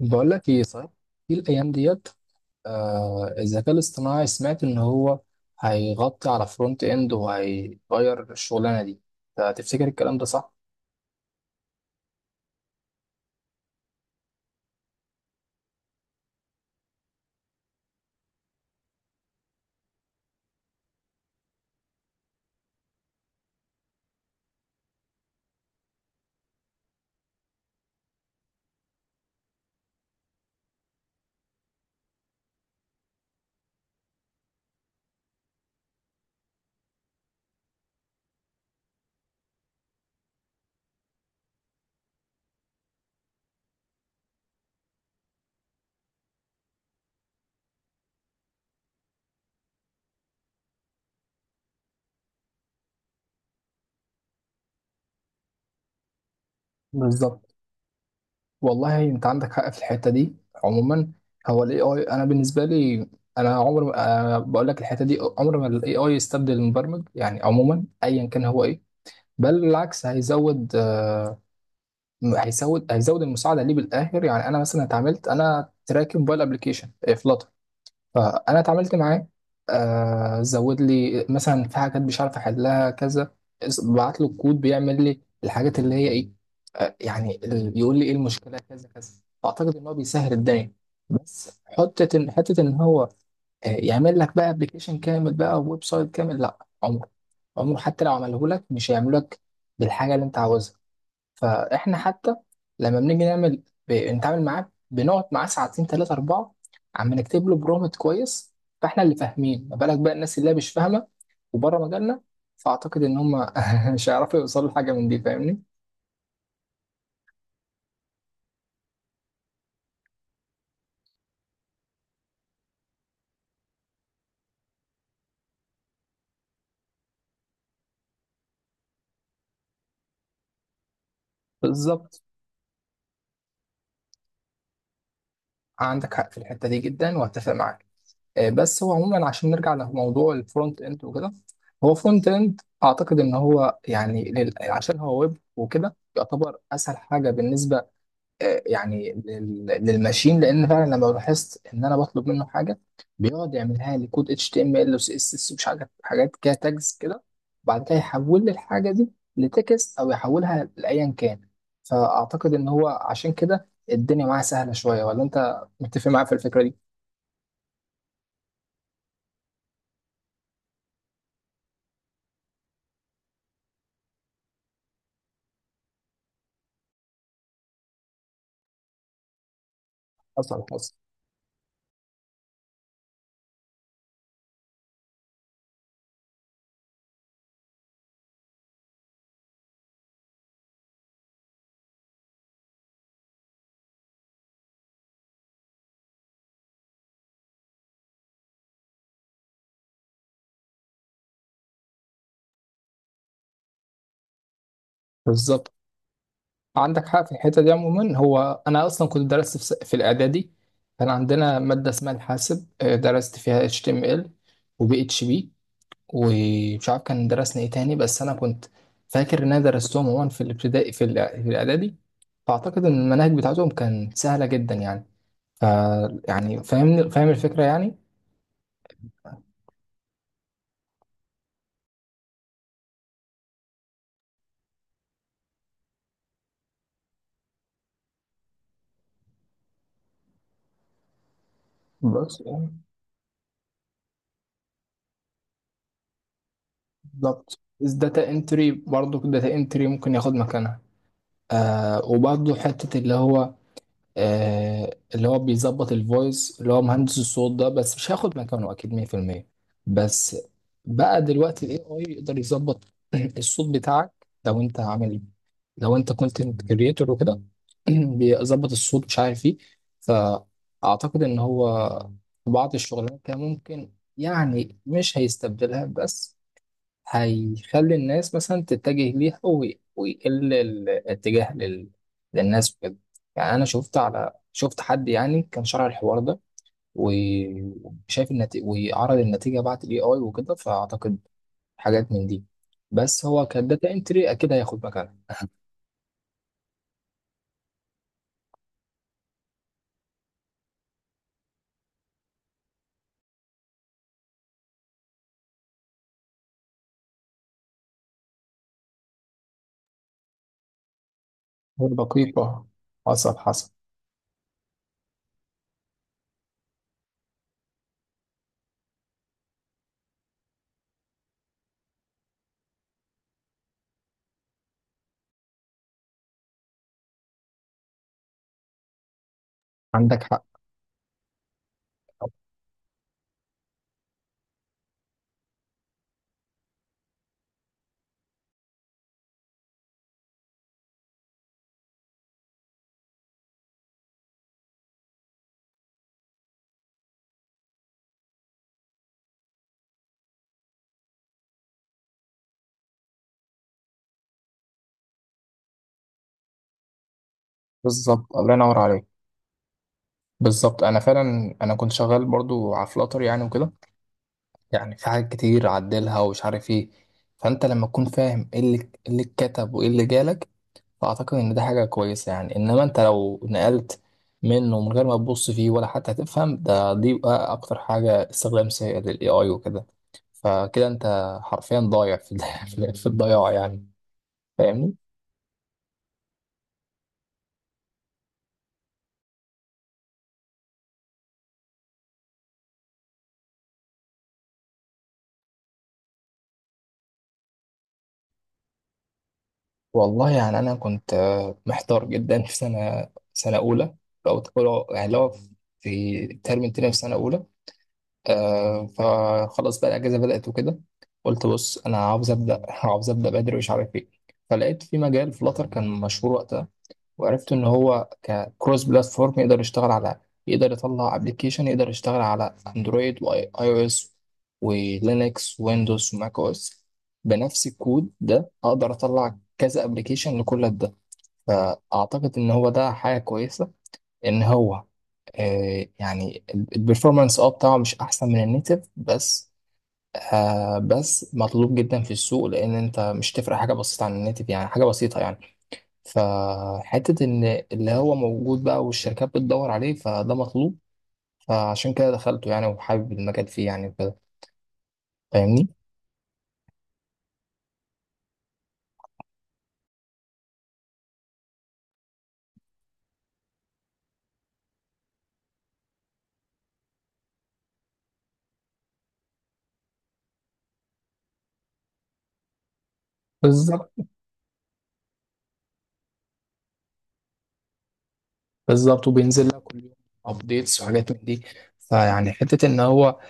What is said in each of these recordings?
بقول لك ايه صحيح في الايام ديت، الذكاء الاصطناعي سمعت ان هو هيغطي على فرونت اند وهيغير الشغلانه دي. تفتكر الكلام ده صح؟ بالظبط. والله انت عندك حق في الحته دي. عموما، هو الاي اي انا بالنسبه لي، انا عمر ما- آه، بقول لك الحته دي، عمر ما الاي اي يستبدل المبرمج، يعني عموما ايا كان هو ايه. بل بالعكس، هيزود، هيزود المساعده ليه بالاخر. يعني انا مثلا اتعاملت، انا تراك موبايل ابلكيشن، فانا اتعاملت معاه. زود لي مثلا في حاجات مش عارف احلها كذا، بعت له الكود بيعمل لي الحاجات اللي هي ايه. يعني بيقول لي ايه المشكله كذا كذا. فاعتقد ان هو بيسهل الدنيا. بس حته ان هو يعمل لك بقى ابلكيشن كامل بقى، ويب سايت كامل؟ لا، عمره، عمره حتى لو عمله لك مش هيعمل لك بالحاجه اللي انت عاوزها. فاحنا حتى لما بنيجي نعمل، نتعامل معاه، بنقعد معاه ساعتين ثلاثة أربعة، عم نكتب له برومت كويس. فاحنا اللي فاهمين، ما بالك بقى الناس اللي هي مش فاهمة وبره مجالنا. فأعتقد إن هم مش هيعرفوا يوصلوا لحاجة من دي. فاهمني؟ بالظبط، عندك حق في الحتة دي جدا وأتفق معاك. بس هو عموما عشان نرجع لموضوع الفرونت إند وكده. هو فرونت إند أعتقد إن هو يعني عشان هو ويب وكده، يعتبر أسهل حاجة بالنسبة، يعني للماشين. لان فعلا لما لاحظت ان انا بطلب منه حاجه، بيقعد يعملها لي كود HTML وسي اس اس، ومش حاجات كده، تاجز كده. وبعد كده يحول لي الحاجه دي لتكست او يحولها لايا كان. فاعتقد ان هو عشان كده الدنيا معاه سهله شويه. ولا انت متفق معايا في الفكره دي؟ اصلا حصل. بالظبط، عندك حق في الحته دي. عموما هو انا اصلا كنت درست في الاعدادي، كان عندنا ماده اسمها الحاسب، درست فيها HTML وبي اتش بي، ومش عارف كان درسنا ايه تاني. بس انا كنت فاكر ان انا درستهم عموما في الابتدائي، في الاعدادي. فاعتقد ان المناهج بتاعتهم كانت سهله جدا يعني. ف يعني فاهمني، فاهم الفكره يعني. بس، بالظبط، داتا انتري، برضه داتا انتري ممكن ياخد مكانها. وبرضه حته اللي هو، اللي هو بيظبط الفويس، اللي هو مهندس الصوت ده، بس مش هياخد مكانه اكيد 100%. بس بقى دلوقتي الاي اي يقدر يظبط الصوت بتاعك. لو انت عامل، لو انت كونتنت كريتور وكده، بيظبط الصوت مش عارف ايه. فاعتقد ان هو في بعض الشغلانات كده ممكن، يعني مش هيستبدلها، بس هيخلي الناس مثلا تتجه ليها، ويقل الاتجاه للناس وكده. يعني انا شفت حد يعني كان شرح الحوار ده و- وشايف النتيجة، وعرض النتيجة بعد الاي اي وكده. فاعتقد حاجات من دي، بس هو كداتا انتري اكيد هياخد مكانها. والدقيقة حصل حصل. عندك حق، بالظبط، الله ينور عليك. بالظبط، أنا فعلا أنا كنت شغال برضو على فلاتر يعني وكده. يعني في حاجات كتير عدلها ومش عارف ايه. فانت لما تكون فاهم ايه اللي اتكتب وايه اللي جالك، فاعتقد ان ده حاجه كويسه يعني. انما انت لو نقلت منه من غير ما تبص فيه ولا حتى هتفهم، ده دي بقى اكتر حاجه، استخدام سيء للاي اي وكده. فكده انت حرفيا ضايع في في الضياع يعني. فاهمني؟ والله يعني انا كنت محتار جدا في سنه اولى، او تقول يعني لو في ترم تاني في سنه اولى. فخلاص بقى الاجازه بدات وكده. قلت بص انا عاوز ابدا، عاوز ابدا بدري مش عارف ايه. فلقيت في مجال فلاتر كان مشهور وقتها، وعرفت ان هو ككروس بلاتفورم يقدر يشتغل على، يطلع ابلكيشن يقدر يشتغل على اندرويد واي او اس ولينكس ويندوز وماك او اس، بنفس الكود ده اقدر اطلع كذا ابلكيشن لكل ده. فاعتقد ان هو ده حاجه كويسه. ان هو، آه، يعني البرفورمانس بتاعه مش احسن من النيتف، بس بس مطلوب جدا في السوق، لان انت مش تفرق حاجه بسيطه عن النيتف يعني، حاجه بسيطه يعني. فحته ان اللي هو موجود بقى، والشركات بتدور عليه فده مطلوب. فعشان كده دخلته يعني، وحابب المجال فيه يعني وكده. فاهمني؟ بالظبط. بالظبط، وبينزل لك كل يوم ابديتس وحاجات من دي. فيعني حته ان هو،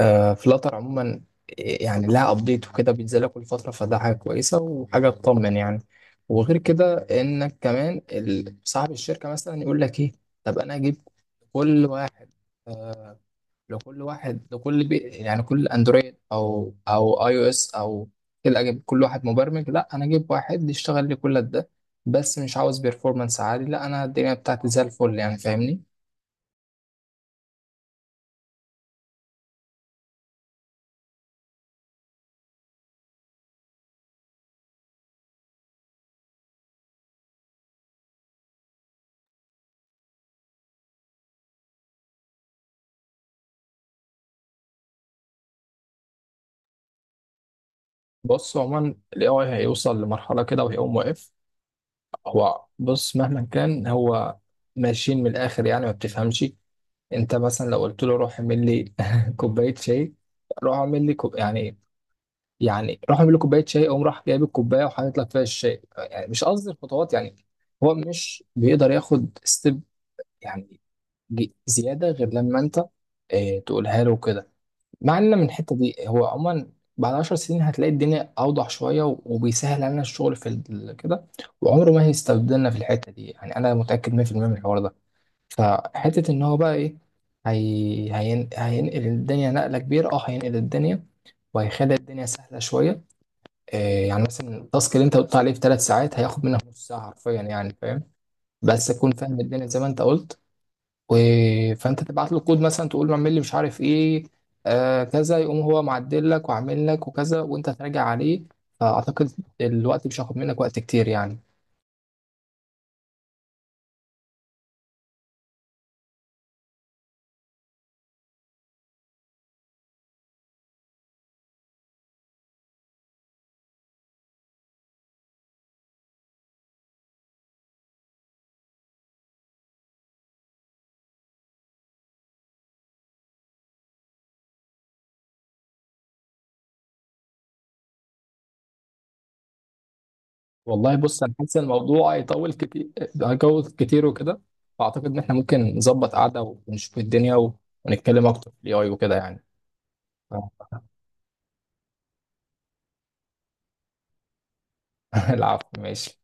فلاتر عموما يعني لها ابديت وكده بينزلها كل فتره، فده حاجه كويسه وحاجه تطمن يعني. وغير كده انك كمان، صاحب الشركه مثلا يقول لك ايه، طب انا اجيب كل واحد، آه، لكل واحد لكل بي يعني، كل اندرويد او اي او اس او كده، اجيب كل واحد مبرمج؟ لا، انا اجيب واحد يشتغل لي كل ده، بس مش عاوز بيرفورمانس عالي، لا انا الدنيا بتاعتي زي الفل يعني. فاهمني؟ بص عموما الاي اي هيوصل لمرحله كده وهيقوم واقف. هو بص مهما كان، هو ماشيين من الاخر يعني، ما بتفهمش. انت مثلا لو قلت له روح اعمل لي كوبايه شاي، روح اعمل لي يعني، يعني روح اعمل لي كوبايه شاي، قوم راح جايب الكوبايه وحاطط لك فيها الشاي، يعني مش قصدي الخطوات يعني. هو مش بيقدر ياخد ستيب يعني، زياده، غير لما انت اه تقولها له كده. مع ان من الحته دي هو عموما، بعد 10 سنين هتلاقي الدنيا اوضح شويه، وبيسهل علينا الشغل في كده، وعمره ما هيستبدلنا في الحته دي يعني، انا متاكد 100% من الحوار ده. فحته ان هو بقى ايه، هينقل الدنيا نقله كبيره، هينقل الدنيا وهيخلي الدنيا سهله شويه. إيه يعني مثلا التاسك اللي انت قلت عليه في 3 ساعات هياخد منك نص ساعه حرفيا يعني، فاهم؟ بس تكون فاهم الدنيا زي ما انت قلت. و... فانت تبعت له كود مثلا، تقول له اعمل لي مش عارف ايه، كذا، يقوم هو معدل لك وعامل لك وكذا، وانت تراجع عليه. فاعتقد الوقت مش هياخد منك وقت كتير يعني. والله بص انا حاسس إن الموضوع هيطول كتير، هيطول كتير وكده. فاعتقد ان احنا ممكن نظبط قعده ونشوف الدنيا ونتكلم اكتر في الاي اي وكده يعني. ف- العفو ماشي.